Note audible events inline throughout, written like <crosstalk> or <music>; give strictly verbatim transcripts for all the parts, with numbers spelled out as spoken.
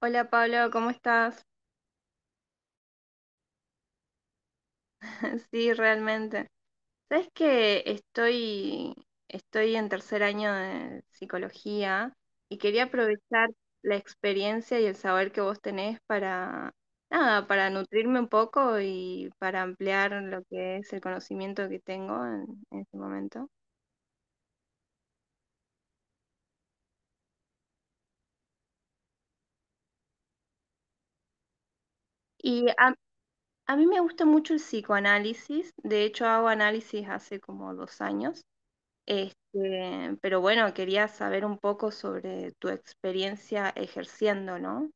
Hola Pablo, ¿cómo estás? <laughs> Sí, realmente. Sabes que estoy, estoy en tercer año de psicología y quería aprovechar la experiencia y el saber que vos tenés para, nada, para nutrirme un poco y para ampliar lo que es el conocimiento que tengo en, en este momento. Y a, a mí me gusta mucho el psicoanálisis, de hecho hago análisis hace como dos años. Este, pero bueno, quería saber un poco sobre tu experiencia ejerciendo, ¿no?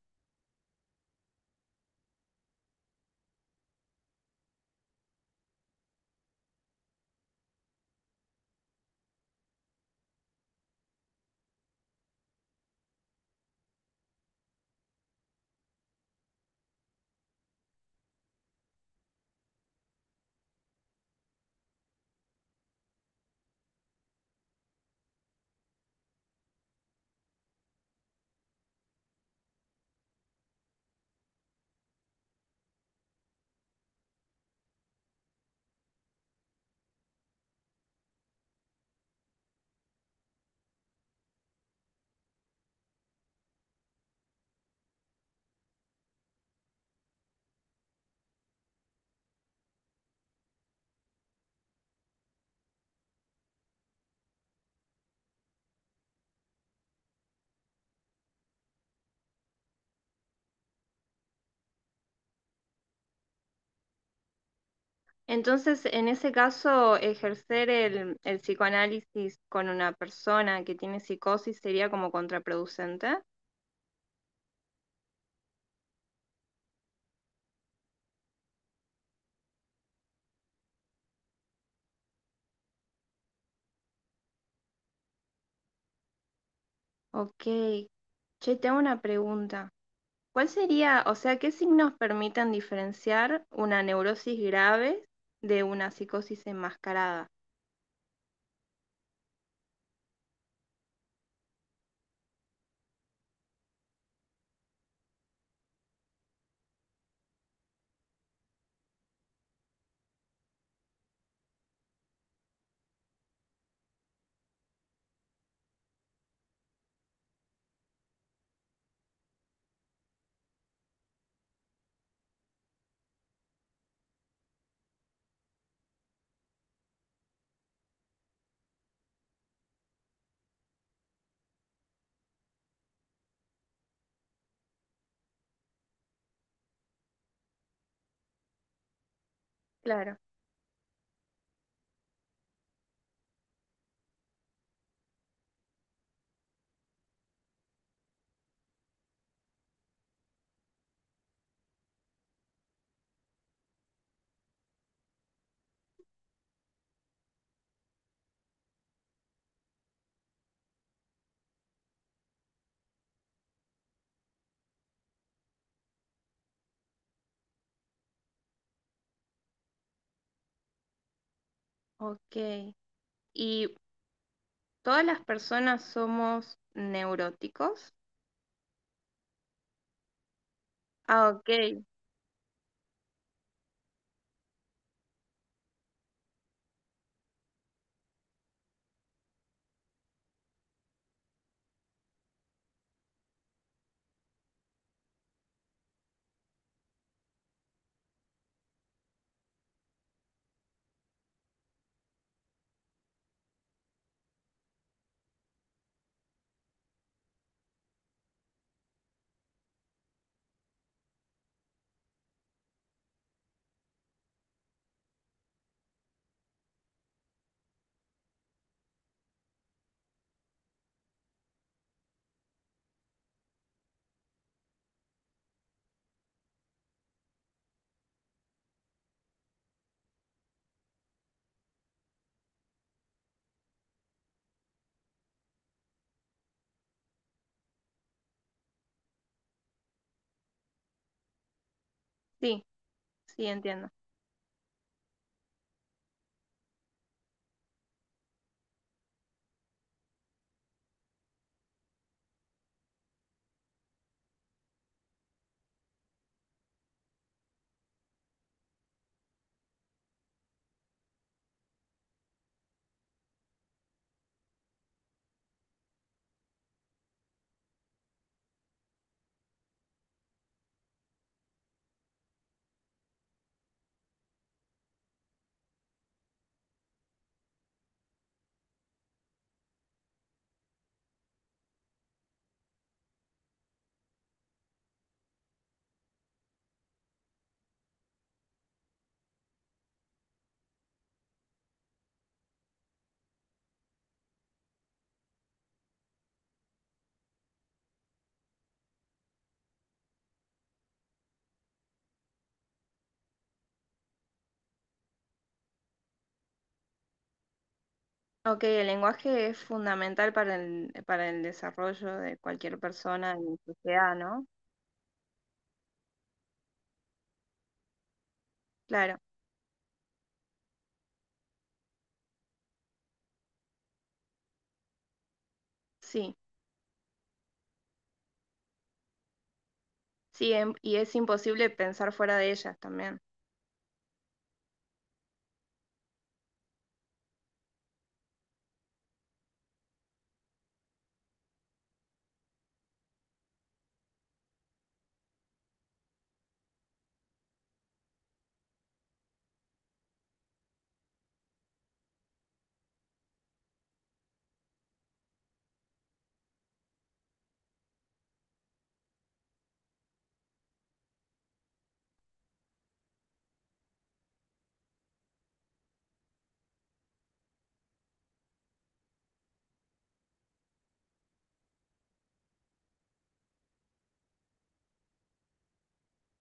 Entonces, en ese caso, ejercer el, el psicoanálisis con una persona que tiene psicosis sería como contraproducente. Ok. Che, tengo una pregunta. ¿Cuál sería, o sea, qué signos permiten diferenciar una neurosis grave de una psicosis enmascarada? Claro. Ok. ¿Y todas las personas somos neuróticos? Ah, ok, sí, sí, entiendo. Ok, el lenguaje es fundamental para el, para el desarrollo de cualquier persona en sociedad, ¿no? Claro, sí, sí, em- y es imposible pensar fuera de ellas también.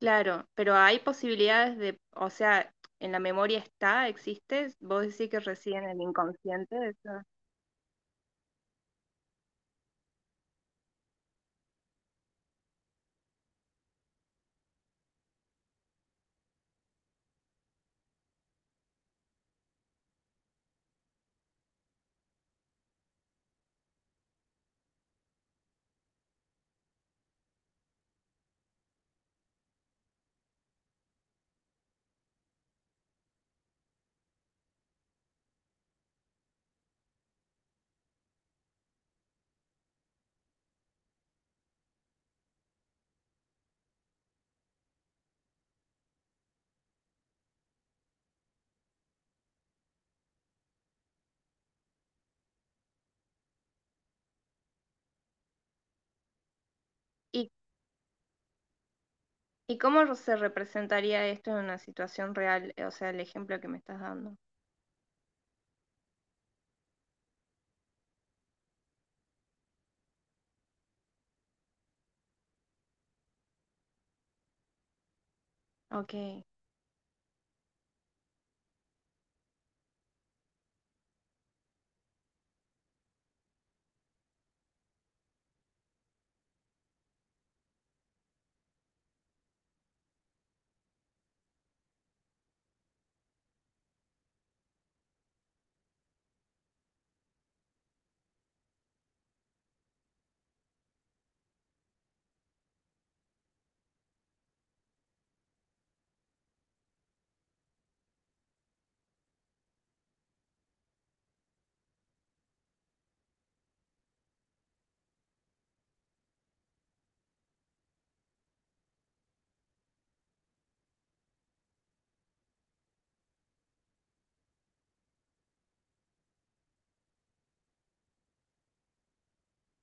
Claro, pero hay posibilidades de, o sea, en la memoria está, existe, vos decís que reside en el inconsciente, eso. ¿Y, ¿y cómo se representaría esto en una situación real? O sea, el ejemplo que me estás dando. Ok.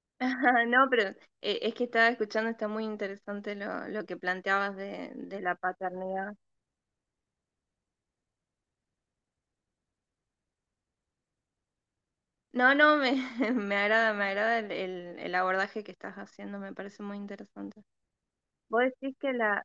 <laughs> Ajá, no, pero eh, es que estaba escuchando, está muy interesante lo, lo que planteabas de, de la paternidad. No, no, me, <laughs> me agrada, me agrada el, el- el abordaje que estás haciendo, me parece muy interesante. Vos decís que la...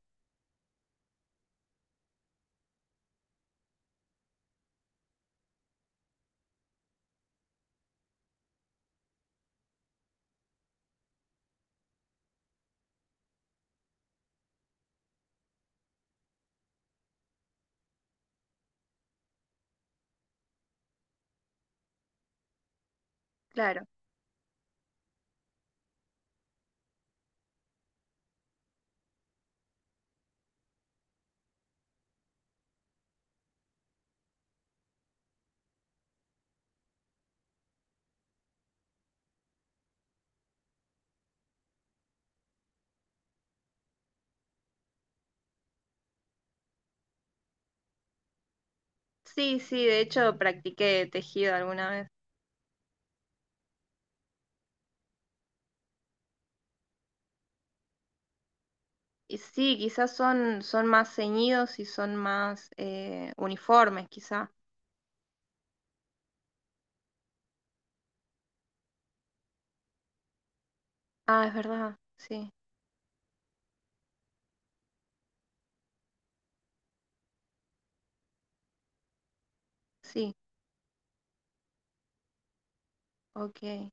Claro, sí, sí, de hecho practiqué tejido alguna vez. Y sí, quizás son, son más ceñidos y son más eh, uniformes, quizás. Ah, es verdad, sí, sí, ok.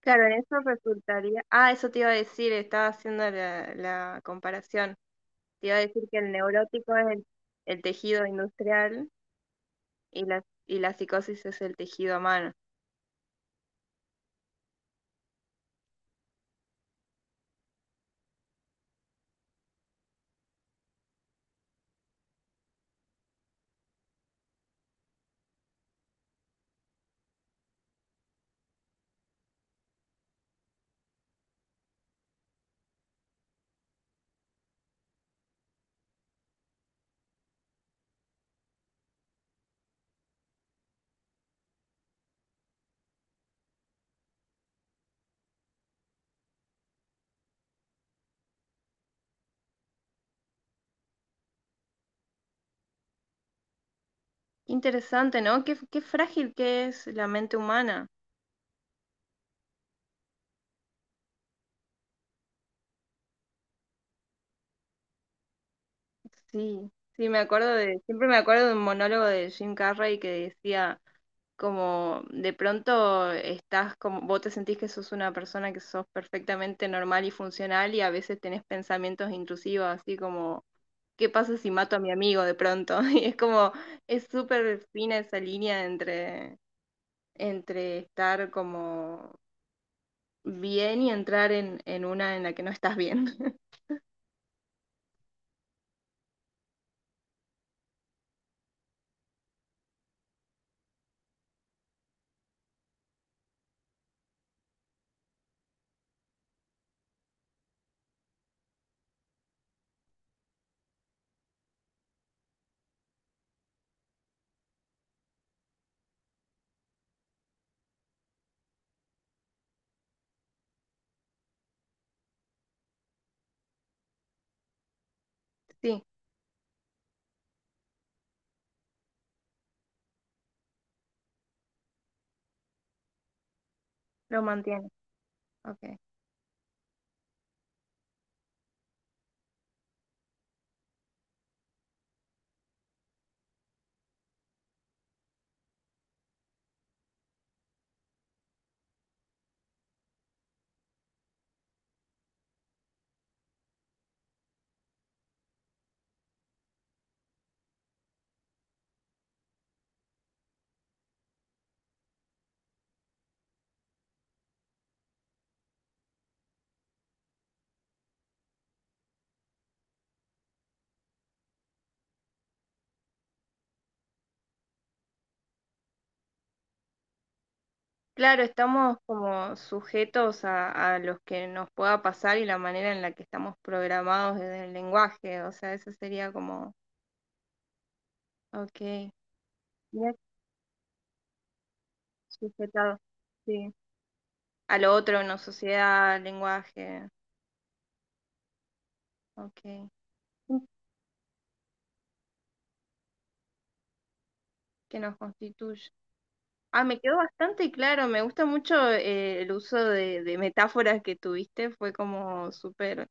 Claro, en eso resultaría. Ah, eso te iba a decir, estaba haciendo la, la comparación. Te iba a decir que el neurótico es el, el tejido industrial y la, y la psicosis es el tejido humano. Interesante, ¿no? Qué, qué frágil que es la mente humana. Sí, sí, me acuerdo de, siempre me acuerdo de un monólogo de Jim Carrey que decía como de pronto estás como, vos te sentís que sos una persona que sos perfectamente normal y funcional y a veces tenés pensamientos intrusivos, así como ¿qué pasa si mato a mi amigo de pronto? <laughs> Y es como, es súper fina esa línea entre, entre estar como bien y entrar en, en una en la que no estás bien. <laughs> Sí, lo mantiene. Okay. Claro, estamos como sujetos a, a los que nos pueda pasar y la manera en la que estamos programados desde el lenguaje. O sea, eso sería como, ok, bien sujetado, sí. A lo otro, una sociedad, lenguaje. Ok. Que nos constituye. Ah, me quedó bastante claro, me gusta mucho eh, el uso de, de metáforas que tuviste, fue como súper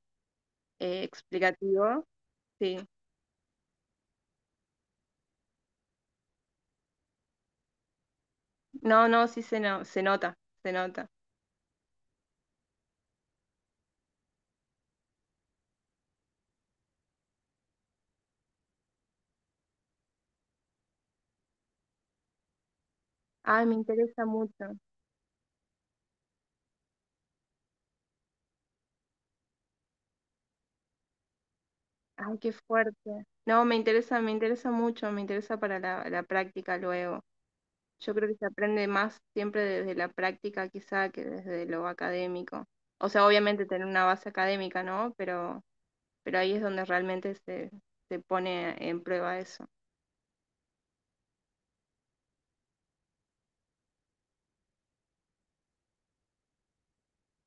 eh, explicativo. Sí, no, no, sí se, no, se nota, se nota. Ay, me interesa mucho. Ay, qué fuerte. No, me interesa, me interesa mucho, me interesa para la, la práctica luego. Yo creo que se aprende más siempre desde la práctica quizá que desde lo académico. O sea, obviamente tener una base académica, ¿no? Pero pero ahí es donde realmente se, se pone en prueba eso.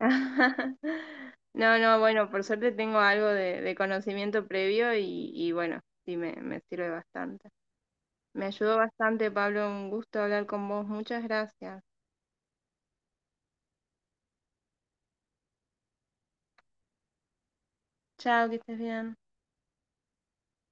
<laughs> No, no, bueno, por suerte tengo algo de, de conocimiento previo y, y bueno, sí me, me sirve bastante. Me ayudó bastante, Pablo, un gusto hablar con vos. Muchas gracias. Chao, que estés bien.